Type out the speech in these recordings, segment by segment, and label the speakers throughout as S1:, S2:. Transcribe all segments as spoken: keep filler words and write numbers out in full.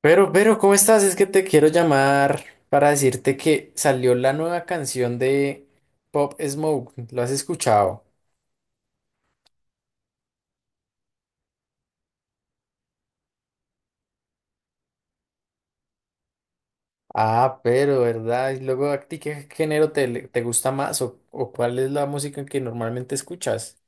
S1: Pero, pero, ¿cómo estás? Es que te quiero llamar para decirte que salió la nueva canción de Pop Smoke. ¿Lo has escuchado? Ah, pero, ¿verdad? Y luego, ¿a ti qué género te, le- te gusta más o, o cuál es la música que normalmente escuchas?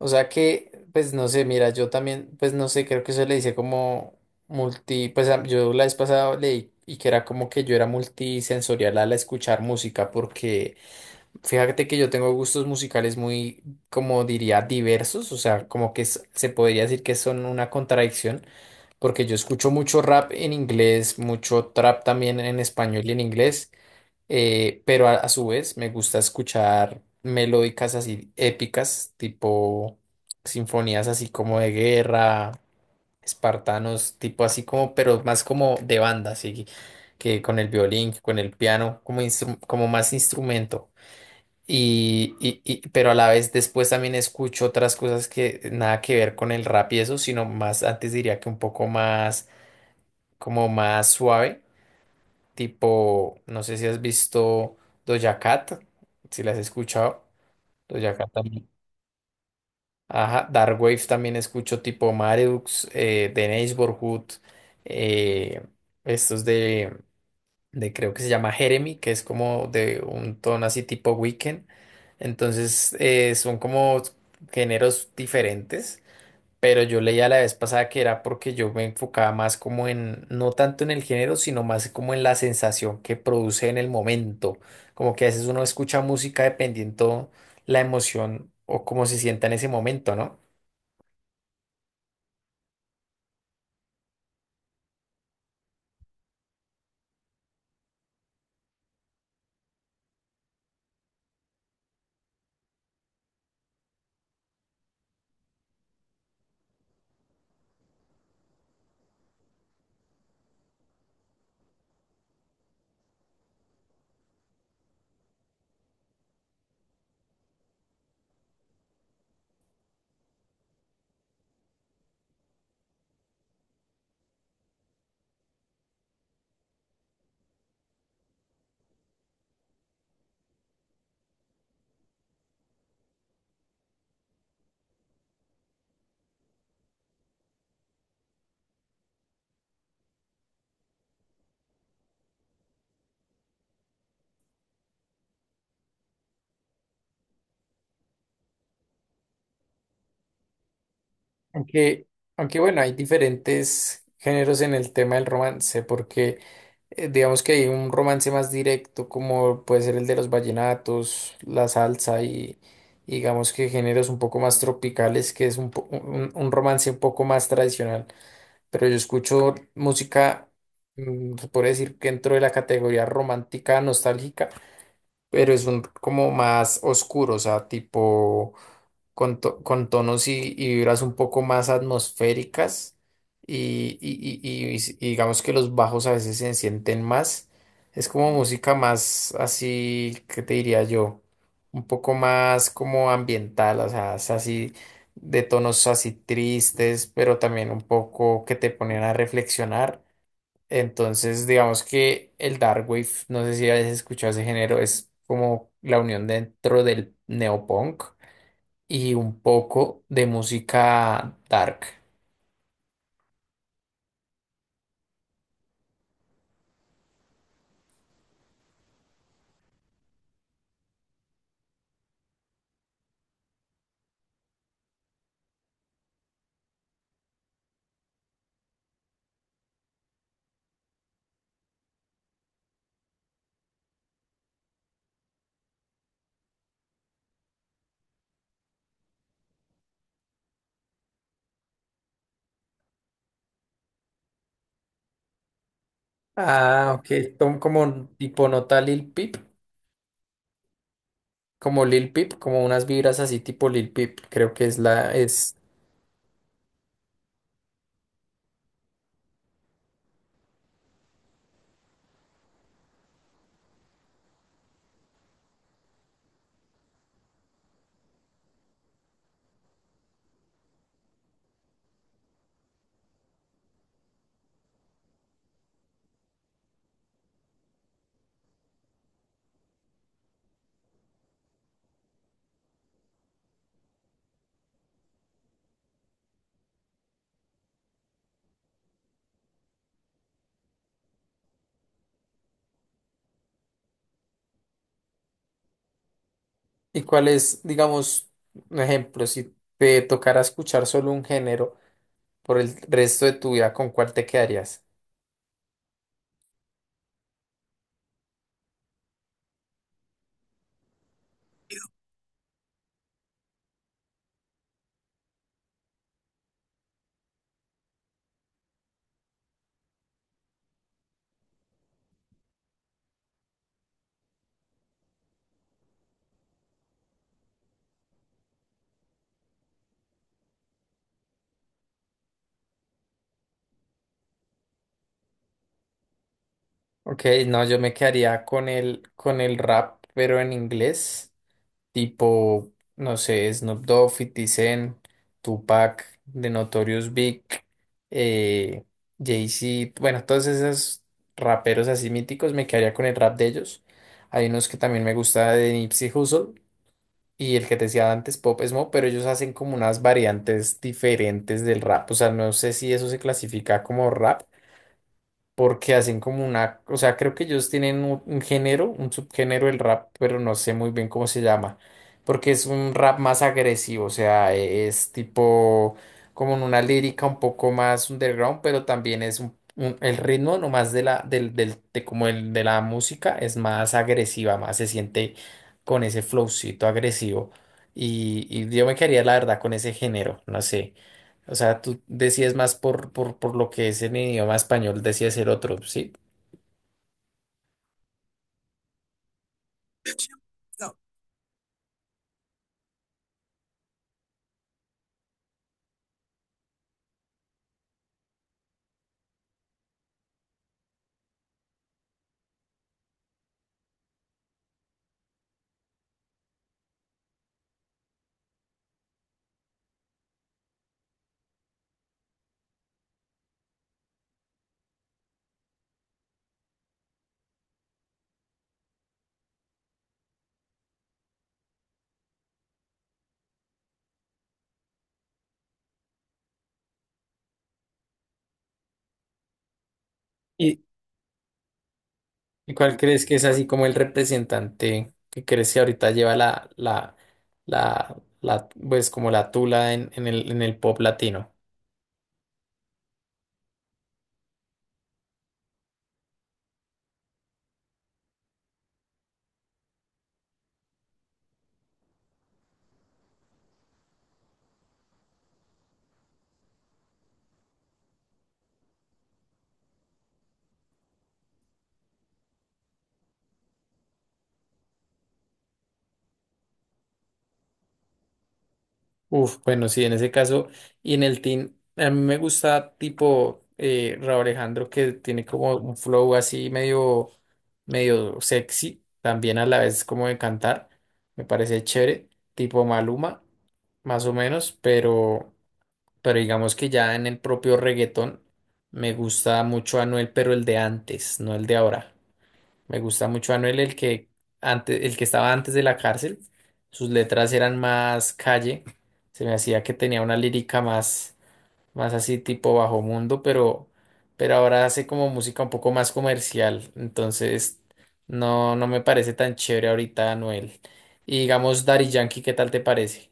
S1: O sea que, pues no sé, mira, yo también, pues no sé, creo que eso le dice como multi, pues a- yo la vez pasada leí y que era como que yo era multisensorial al escuchar música porque... Fíjate que yo tengo gustos musicales muy, como diría, diversos, o sea, como que es- se podría decir que son una contradicción, porque yo escucho mucho rap en inglés, mucho trap también en español y en inglés, eh, pero a, a su vez me gusta escuchar melódicas así épicas, tipo sinfonías así como de guerra, espartanos, tipo así como, pero más como de banda, así que con el violín, con el piano, como, instru- como más instrumento. Y, y- y- pero a la vez después también escucho otras cosas que nada que ver con el rap y eso, sino más, antes diría que un poco más, como más suave, tipo, no sé si has visto Doja Cat, si las has escuchado, Doja Cat también. Ajá, Dark Wave también escucho tipo Mareux, eh, The Neighborhood, eh, estos de creo que se llama Jeremy, que es como de un tono así tipo Weekend. Entonces eh, son como géneros diferentes, pero yo leía la vez pasada que era porque yo me enfocaba más como en, no tanto en el género, sino más como en la sensación que produce en el momento. Como que a veces uno escucha música dependiendo la emoción o cómo se sienta en ese momento, ¿no? Aunque, aunque bueno, hay diferentes géneros en el tema del romance, porque eh, digamos que hay un romance más directo, como puede ser el de los vallenatos, la salsa y y digamos que géneros un poco más tropicales, que es un, po- un, un romance un poco más tradicional. Pero yo escucho música, mm, se puede decir que dentro de la categoría romántica nostálgica, pero es un como más oscuro, o sea, tipo con, to- con tonos y, y vibras un poco más atmosféricas y, y- y- y- y digamos que los bajos a veces se sienten más. Es como música más así, ¿qué te diría yo? Un poco más como ambiental, o sea, es así de tonos así tristes, pero también un poco que te ponen a reflexionar. Entonces, digamos que el dark wave, no sé si hayas escuchado ese género, es como la unión dentro del neopunk y un poco de música dark. Ah, ok, son como tipo nota Lil Peep, como Lil Peep, como unas vibras así tipo Lil Peep, creo que es la, es, y cuál es, digamos, un ejemplo, si te tocara escuchar solo un género por el resto de tu vida, ¿con cuál te quedarías? Ok, no, yo me quedaría con el, con el rap, pero en inglés. Tipo, no sé, Snoop Dogg, cincuenta Cent, Tupac, The Notorious Big, eh, Jay-Z, bueno, todos esos raperos así míticos, me quedaría con el rap de ellos. Hay unos que también me gusta de Nipsey Hussle y el que te decía antes, Pop Smoke, pero ellos hacen como unas variantes diferentes del rap, o sea, no sé si eso se clasifica como rap porque hacen como una, o sea, creo que ellos tienen un, un género, un subgénero del rap, pero no sé muy bien cómo se llama, porque es un rap más agresivo, o sea, e- es tipo como en una lírica un poco más underground, pero también es un, un- el ritmo nomás de la, del, del, de como el de la música es más agresiva, más se siente con ese flowcito agresivo. Y, y yo me quedaría, la verdad, con ese género, no sé. O sea, tú decías más por, por, por lo que es en el idioma español, decías el otro, ¿sí? ¿Y, y cuál crees que es así como el representante que crees que ahorita lleva la, la, la, la, pues como la tula en, en el, en el pop latino? Uf, bueno, sí, en ese caso, y en el team, a mí me gusta tipo eh, Raúl Alejandro que tiene como un flow así medio, medio sexy, también a la vez como de cantar, me parece chévere, tipo Maluma, más o menos, pero, pero digamos que ya en el propio reggaetón me gusta mucho Anuel, pero el de antes, no el de ahora. Me gusta mucho Anuel, el que antes, el que estaba antes de la cárcel. Sus letras eran más calle. Se me hacía que tenía una lírica más, más así tipo bajo mundo, pero, pero ahora hace como música un poco más comercial. Entonces, no, no me parece tan chévere ahorita Anuel. Y digamos, Daddy Yankee, ¿qué tal te parece?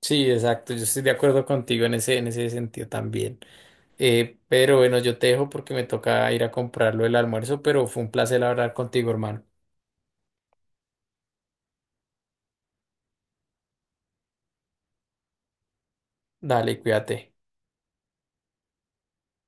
S1: Sí, exacto. Yo estoy de acuerdo contigo en ese, en ese sentido también. Eh, pero bueno, yo te dejo porque me toca ir a comprarlo el almuerzo, pero fue un placer hablar contigo, hermano. Dale, cuídate.